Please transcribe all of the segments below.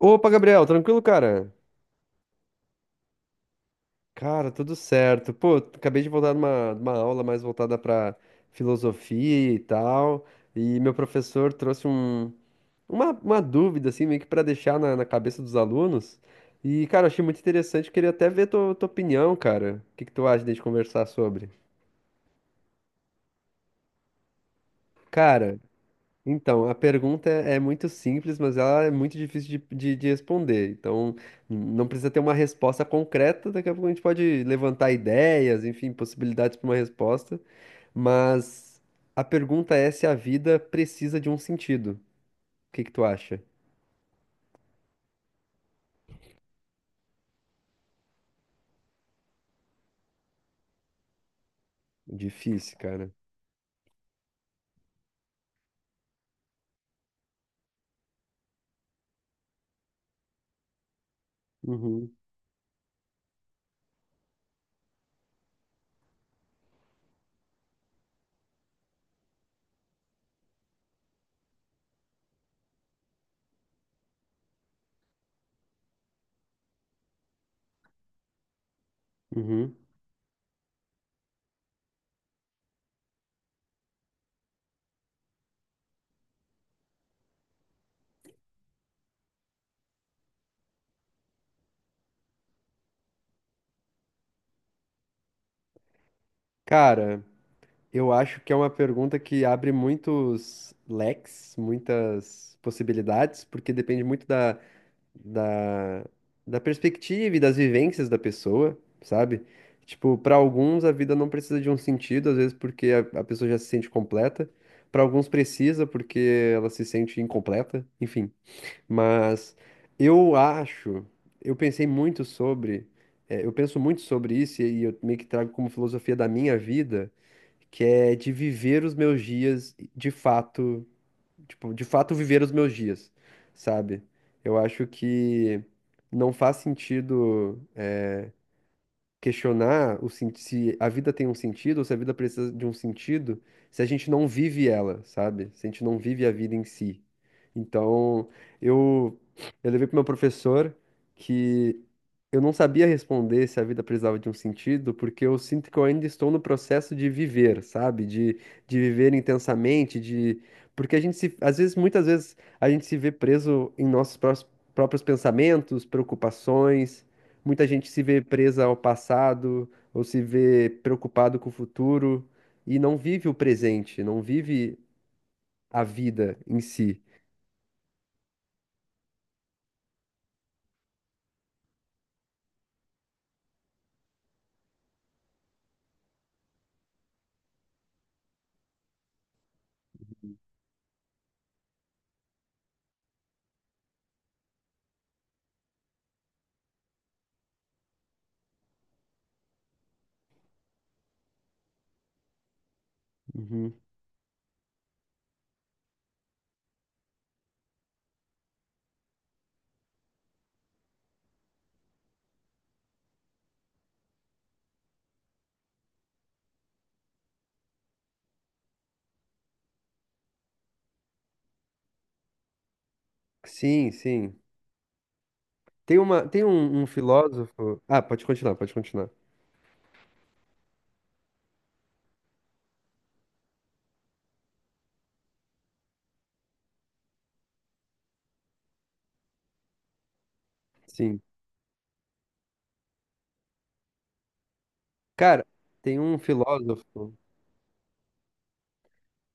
Opa, Gabriel, tranquilo, cara? Cara, tudo certo. Pô, acabei de voltar de uma aula mais voltada para filosofia e tal, e meu professor trouxe um, uma dúvida, assim, meio que para deixar na, na cabeça dos alunos. E, cara, eu achei muito interessante, queria até ver tua, tua opinião, cara. O que que tu acha de a gente conversar sobre? Cara, Então, a pergunta é muito simples, mas ela é muito difícil de responder. Então, não precisa ter uma resposta concreta. Daqui a pouco a gente pode levantar ideias, enfim, possibilidades para uma resposta. Mas a pergunta é se a vida precisa de um sentido. O que que tu acha? Difícil, cara. Uhum, uhum. Cara, eu acho que é uma pergunta que abre muitos leques, muitas possibilidades, porque depende muito da, da perspectiva e das vivências da pessoa, sabe? Tipo, para alguns a vida não precisa de um sentido, às vezes porque a pessoa já se sente completa. Para alguns precisa porque ela se sente incompleta, enfim. Mas eu acho, eu pensei muito sobre, eu penso muito sobre isso e eu meio que trago como filosofia da minha vida, que é de viver os meus dias de fato, tipo, de fato viver os meus dias, sabe? Eu acho que não faz sentido questionar se a vida tem um sentido ou se a vida precisa de um sentido se a gente não vive ela, sabe? Se a gente não vive a vida em si. Então, eu, eu levei para meu professor que eu não sabia responder se a vida precisava de um sentido, porque eu sinto que eu ainda estou no processo de viver, sabe? De viver intensamente, de. Porque a gente se, às vezes, muitas vezes, a gente se vê preso em nossos próprios pensamentos, preocupações. Muita gente se vê presa ao passado ou se vê preocupado com o futuro e não vive o presente, não vive a vida em si. Uhum. Sim, sim. Tem uma, tem um, um filósofo. Ah, pode continuar, pode continuar. Sim. Cara, tem um filósofo,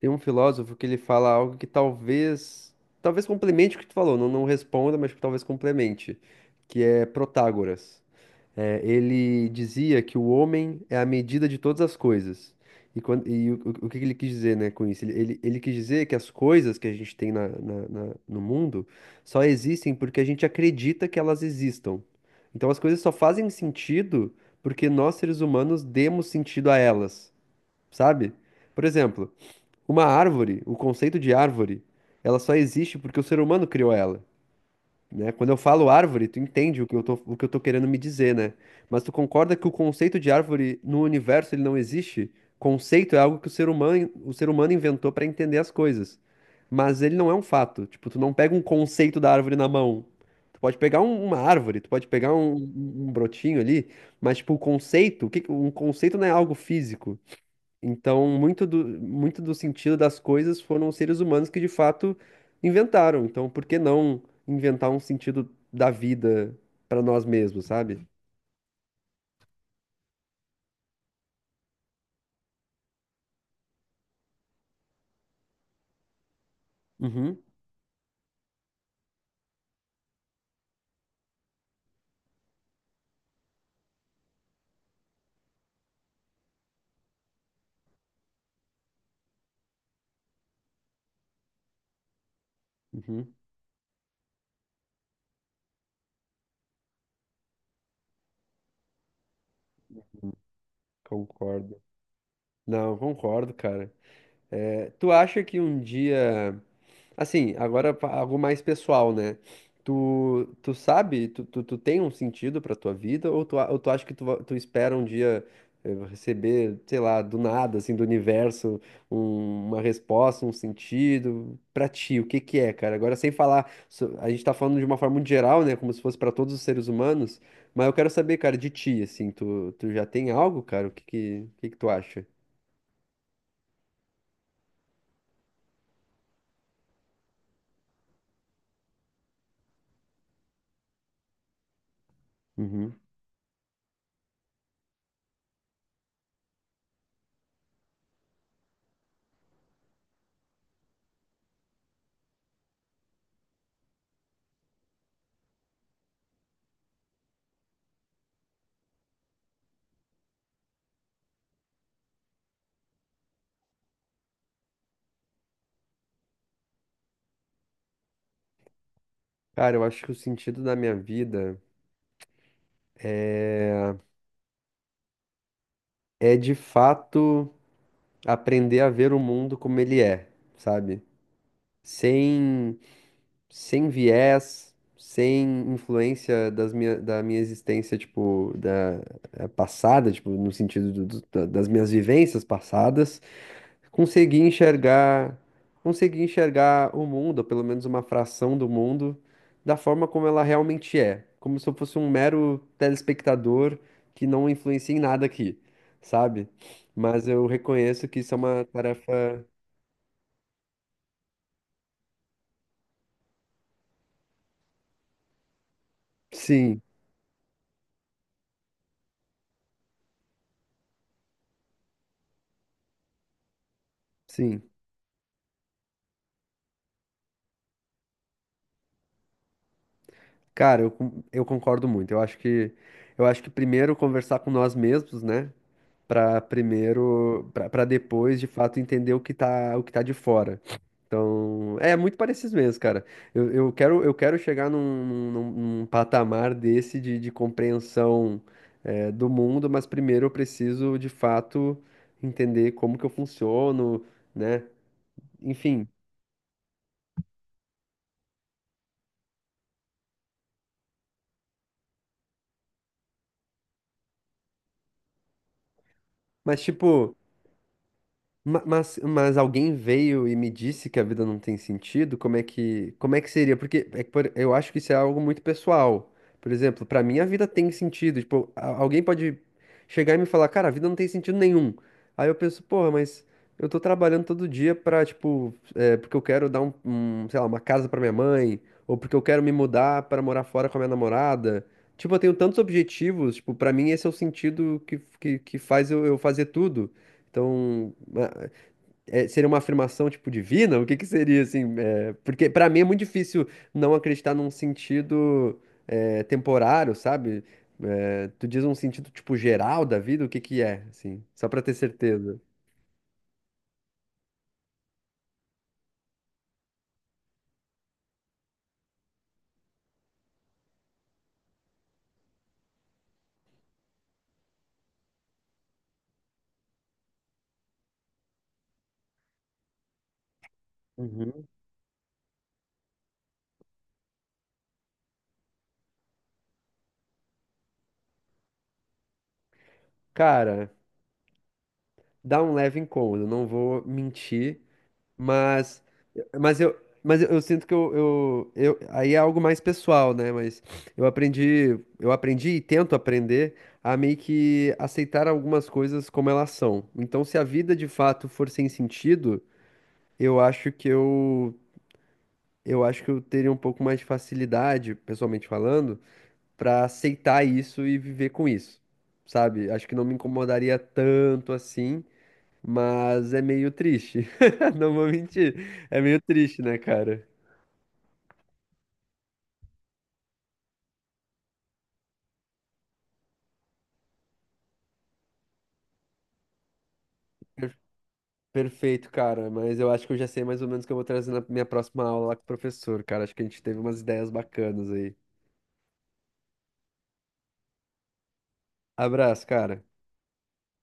tem um filósofo que ele fala algo que talvez, talvez complemente o que tu falou, não, não responda, mas que talvez complemente, que é Protágoras. É, ele dizia que o homem é a medida de todas as coisas. E, e o, o que que ele quis dizer, né, com isso? Ele quis dizer que as coisas que a gente tem no mundo só existem porque a gente acredita que elas existam. Então as coisas só fazem sentido porque nós, seres humanos, demos sentido a elas, sabe? Por exemplo, uma árvore, o conceito de árvore, ela só existe porque o ser humano criou ela, né? Quando eu falo árvore, tu entende o que eu tô querendo me dizer, né? Mas tu concorda que o conceito de árvore no universo ele não existe? Conceito é algo que o ser humano inventou para entender as coisas. Mas ele não é um fato. Tipo, tu não pega um conceito da árvore na mão. Tu pode pegar uma árvore, tu pode pegar um, um brotinho ali, mas tipo, o conceito, um conceito não é algo físico. Então, muito do, muito do sentido das coisas foram os seres humanos que de fato inventaram. Então, por que não inventar um sentido da vida para nós mesmos, sabe? Uhum, uhum, concordo. Não, concordo, cara. É, tu acha que um dia. Assim, agora algo mais pessoal, né? Tu, tu sabe, tu, tu, tu tem um sentido pra tua vida ou tu, ou tu acha que tu, tu espera um dia receber, sei lá, do nada, assim, do universo, uma resposta, um sentido pra ti? O que que é, cara? Agora, sem falar, a gente tá falando de uma forma muito geral, né? Como se fosse pra todos os seres humanos, mas eu quero saber, cara, de ti, assim, tu, tu já tem algo, cara? O que que tu acha? Uhum. Cara, eu acho que o sentido da minha vida. É é de fato aprender a ver o mundo como ele é, sabe? Sem, sem viés, sem influência da minha existência, tipo, da passada, tipo, no sentido das minhas vivências passadas. Consegui enxergar, consegui enxergar o mundo, ou pelo menos uma fração do mundo, da forma como ela realmente é, como se eu fosse um mero telespectador que não influencia em nada aqui, sabe? Mas eu reconheço que isso é uma tarefa. Sim, sim. Cara, eu, eu concordo muito. Eu acho que primeiro conversar com nós mesmos, né? Pra primeiro, pra pra depois de fato entender o que tá de fora. Então, é muito parecido mesmo, cara. Eu quero chegar num, patamar desse de compreensão, do mundo, mas primeiro eu preciso, de fato, entender como que eu funciono, né? Enfim. Mas, tipo. Mas alguém veio e me disse que a vida não tem sentido? Como é que seria? Porque é que, eu acho que isso é algo muito pessoal. Por exemplo, pra mim a vida tem sentido. Tipo, alguém pode chegar e me falar, cara, a vida não tem sentido nenhum. Aí eu penso, porra, mas eu tô trabalhando todo dia pra, tipo, é, porque eu quero dar um, um, sei lá, uma casa pra minha mãe, ou porque eu quero me mudar pra morar fora com a minha namorada. Tipo, eu tenho tantos objetivos, tipo, pra mim esse é o sentido que faz eu fazer tudo. Então, é, seria uma afirmação tipo divina? O que que seria assim? É, porque para mim é muito difícil não acreditar num sentido, é, temporário, sabe? É, tu diz um sentido tipo geral da vida, o que que é, assim? Só para ter certeza. Uhum. Cara, dá um leve incômodo, não vou mentir. Mas, mas eu, eu sinto que eu, aí é algo mais pessoal, né? Mas eu aprendi e tento aprender a meio que aceitar algumas coisas como elas são. Então, se a vida de fato for sem sentido, eu acho que eu acho que eu teria um pouco mais de facilidade, pessoalmente falando, para aceitar isso e viver com isso, sabe? Acho que não me incomodaria tanto assim. Mas é meio triste. Não vou mentir. É meio triste, né, cara? Perfeito, cara. Mas eu acho que eu já sei mais ou menos o que eu vou trazer na minha próxima aula lá com o professor, cara. Acho que a gente teve umas ideias bacanas aí. Abraço, cara.